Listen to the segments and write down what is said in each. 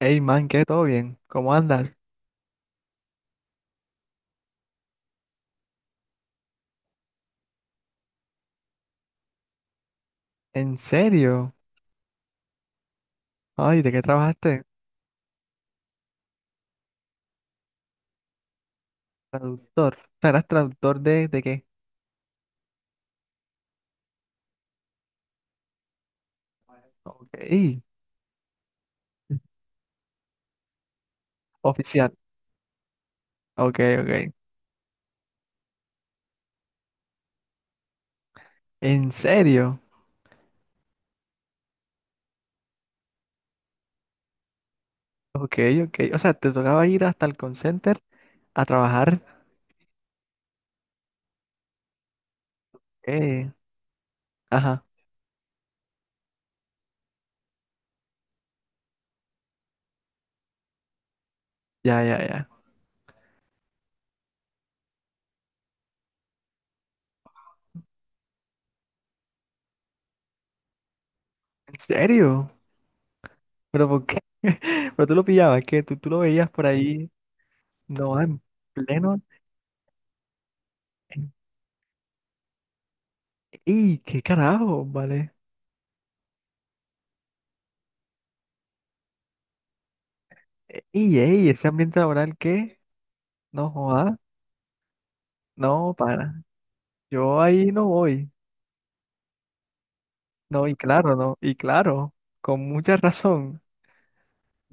Hey man, ¿qué? ¿Todo bien? ¿Cómo andas? ¿En serio? Ay, ¿de qué trabajaste? Traductor. O sea, ¿eras traductor de qué? Ok. Oficial. Ok, ok. ¿En serio? Ok, ok. O sea, te tocaba ir hasta el call center a trabajar. Eh, ajá. Ya, ya, ya. ¿En serio? ¿Pero por qué? Pero tú lo pillabas, que tú lo veías por ahí, no, en pleno. en- ¡Y qué carajo! Vale. ¡Y, ey! Ese ambiente laboral que no joda, no para. Yo ahí no voy. No, y claro, no. Y claro, con mucha razón.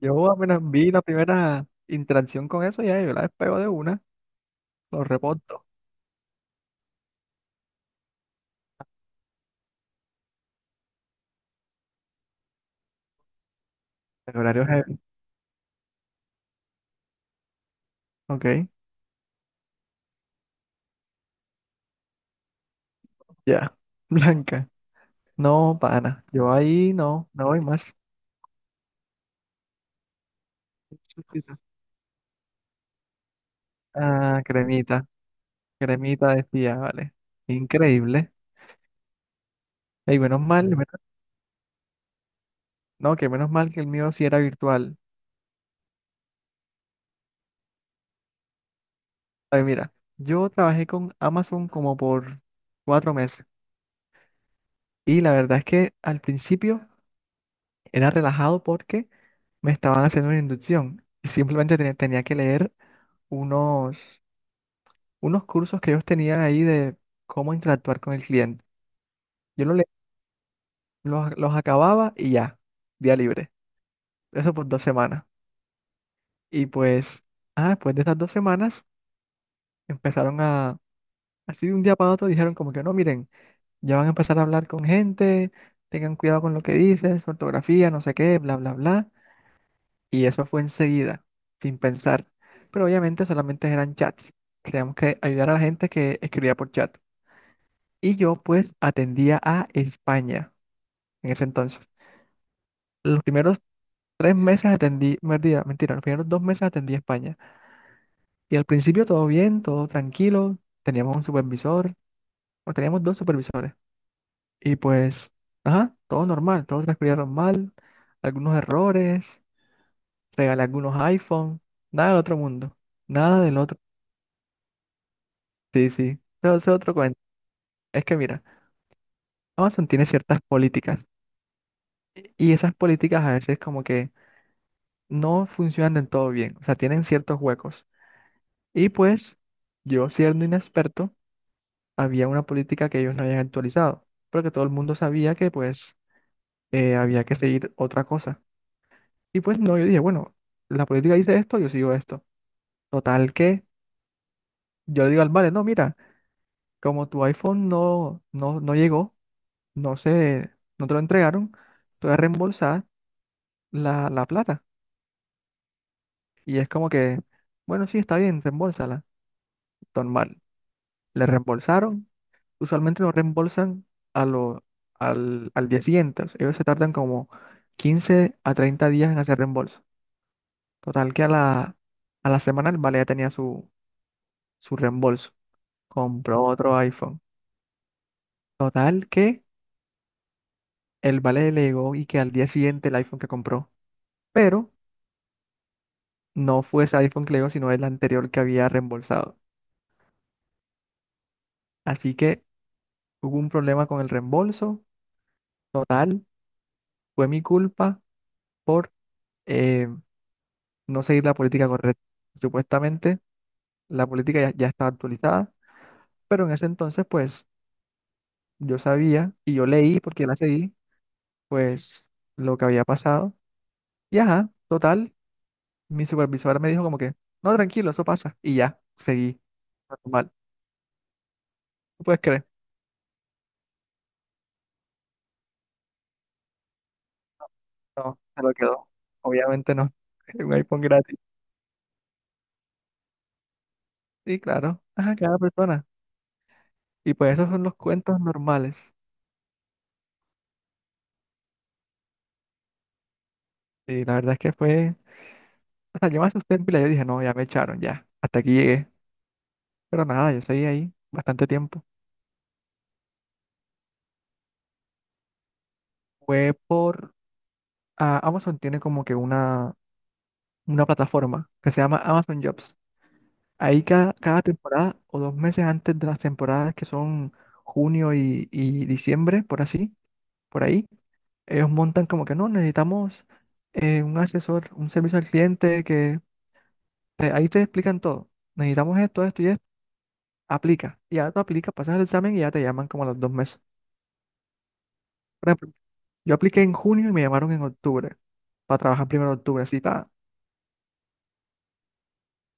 Yo apenas vi la primera interacción con eso, ya yo la despego de una, lo reporto. El horario es… Ok, ya. Blanca. No, pana. Yo ahí no voy más. Ah, cremita. Cremita decía, vale. Increíble. Y menos mal, no, que menos mal que el mío sí era virtual. Ay, mira, yo trabajé con Amazon como por 4 meses. Y la verdad es que al principio era relajado porque me estaban haciendo una inducción y simplemente tenía que leer unos, unos cursos que ellos tenían ahí de cómo interactuar con el cliente. Yo lo le- los acababa y ya, día libre. Eso por 2 semanas. Y pues, después de esas 2 semanas empezaron así de un día para otro, dijeron como que no, miren, ya van a empezar a hablar con gente, tengan cuidado con lo que dicen, su ortografía, no sé qué, bla, bla, bla. Y eso fue enseguida, sin pensar. Pero obviamente solamente eran chats. Teníamos que ayudar a la gente que escribía por chat. Y yo pues atendía a España en ese entonces. Los primeros 3 meses atendí, mentira, mentira, los primeros 2 meses atendí a España. Y al principio todo bien, todo tranquilo. Teníamos un supervisor, o teníamos dos supervisores. Y pues, ajá, todo normal, todo transcurría normal. Algunos errores, regalé algunos iPhone, nada del otro mundo, nada del otro. Sí, sí. No, ese es otro cuento. Es que mira, Amazon tiene ciertas políticas y esas políticas a veces como que no funcionan del todo bien, o sea, tienen ciertos huecos. Y pues yo siendo inexperto, había una política que ellos no habían actualizado, pero que todo el mundo sabía que pues había que seguir otra cosa. Y pues no, yo dije, bueno, la política dice esto, yo sigo esto. Total que yo le digo al vale, no, mira, como tu iPhone no llegó, no se, no te lo entregaron, tú eres reembolsada la plata. Y es como que, bueno, sí, está bien, reembolsala. Normal. Le reembolsaron. Usualmente lo reembolsan a lo, al día siguiente. O sea, ellos se tardan como 15 a 30 días en hacer reembolso. Total que a la semana el vale ya tenía su reembolso. Compró otro iPhone. Total que el vale le llegó y que al día siguiente el iPhone que compró. Pero no fue ese iPhone que le llegó, sino el anterior que había reembolsado. Así que hubo un problema con el reembolso total, fue mi culpa por eh, no seguir la política correcta. Supuestamente la política ya estaba actualizada, pero en ese entonces pues yo sabía y yo leí porque la seguí, pues lo que había pasado. Y ajá, total, mi supervisor me dijo como que, no, tranquilo, eso pasa. Y ya, seguí. Normal. ¿Tú puedes creer? No, se lo quedó. Obviamente no. Un iPhone gratis. Sí, claro. Ajá, cada persona. Y pues esos son los cuentos normales. Y la verdad es que fue… O sea, yo me asusté en pila, yo dije, no, ya me echaron, ya, hasta aquí llegué. Pero nada, yo seguí ahí bastante tiempo. Fue por… ah, Amazon tiene como que una plataforma que se llama Amazon Jobs. Ahí cada temporada o 2 meses antes de las temporadas que son junio y diciembre, por así, por ahí, ellos montan como que no, necesitamos un asesor, un servicio al cliente que ahí te explican todo. Necesitamos esto, esto y esto. Aplica. Y ya tú aplicas, pasas el examen y ya te llaman como a los 2 meses. Yo apliqué en junio y me llamaron en octubre para trabajar primero de octubre. Así, pa,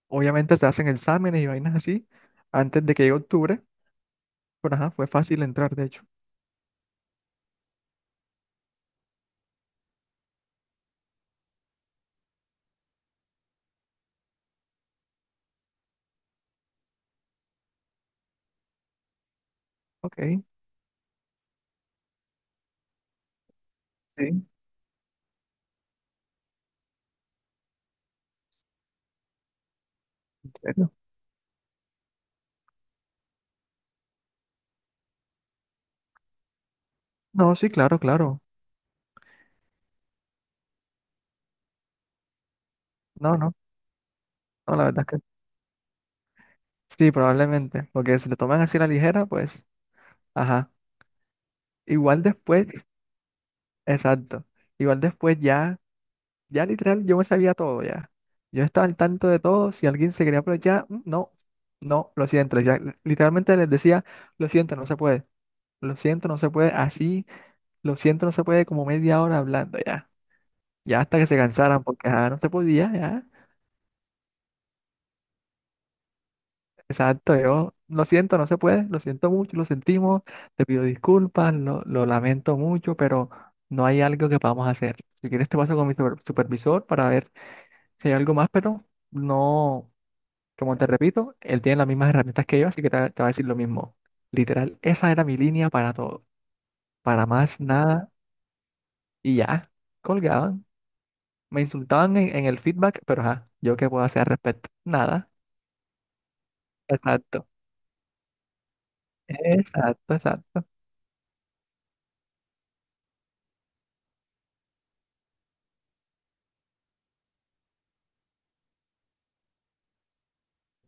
obviamente se hacen exámenes y vainas así antes de que llegue octubre, pero ajá, fue fácil entrar, de hecho. Ok, sí, ¿en serio? No, sí, claro, claro. No, no, no, la verdad es que sí, probablemente, porque si lo toman así a la ligera, pues, ajá. Igual después, exacto. Igual después ya, ya literal, yo me sabía todo ya. Yo estaba al tanto de todo. Si alguien se quería aprovechar, mm, no, no, lo siento. Ya, literalmente les decía, lo siento, no se puede. Lo siento, no se puede, así, lo siento, no se puede como media hora hablando ya. Ya hasta que se cansaran, porque ajá, no se podía, ya. Exacto, yo, lo siento, no se puede, lo siento mucho, lo sentimos, te pido disculpas, lo lamento mucho, pero no hay algo que podamos hacer. Si quieres te paso con mi supervisor para ver si hay algo más, pero no, como te repito, él tiene las mismas herramientas que yo, así que te va a decir lo mismo. Literal, esa era mi línea para todo, para más nada y ya, colgaban. Me insultaban en el feedback, pero ajá, ¿yo qué puedo hacer al respecto? Nada. Exacto. Exacto, exacto.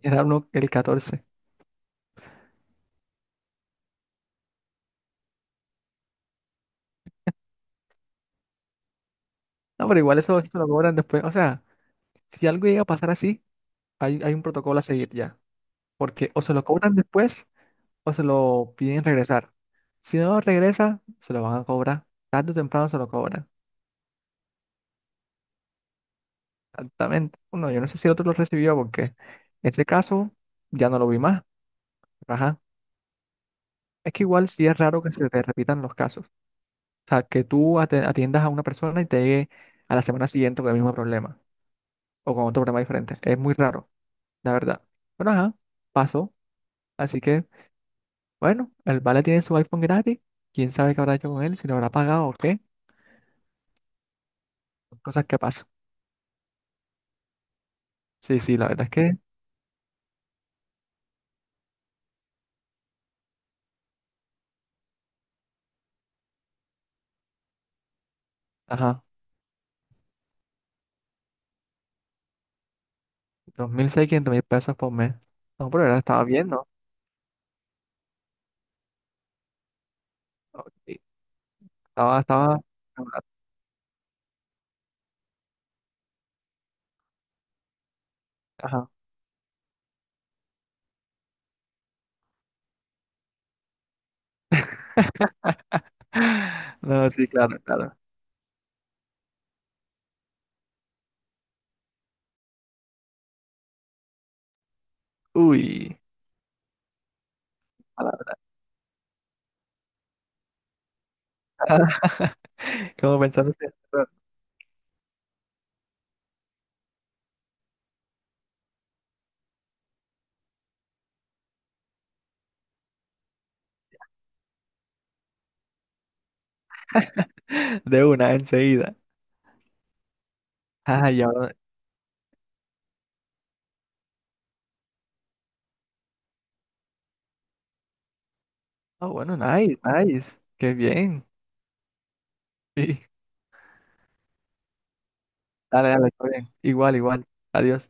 Era uno el 14. No, pero igual eso, eso lo cobran después. O sea, si algo llega a pasar así, hay un protocolo a seguir ya. Porque o se lo cobran después o se lo piden regresar. Si no regresa, se lo van a cobrar. Tarde o temprano se lo cobran. Exactamente. Bueno, yo no sé si el otro lo recibió porque ese caso ya no lo vi más. Pero ajá. Es que igual sí es raro que se te repitan los casos. O sea, que tú atiendas a una persona y te llegue a la semana siguiente con el mismo problema o con otro problema diferente. Es muy raro, la verdad. Bueno, ajá, pasó. Así que, bueno, el Vale tiene su iPhone gratis. ¿Quién sabe qué habrá hecho con él? Si lo habrá pagado o qué. Cosas que pasan. Sí, sí, la verdad es que, ajá, 2.600 mil seiscientos mil pesos por mes. No, pero era, estaba bien, ¿no? Sí, estaba, estaba. Ajá. No, sí, claro, claro. Uy. Como pensando de una enseguida. Ay, ahora… Ah, bueno, nice, nice. Qué bien. Sí. Dale, dale, está bien. Igual, igual. Adiós.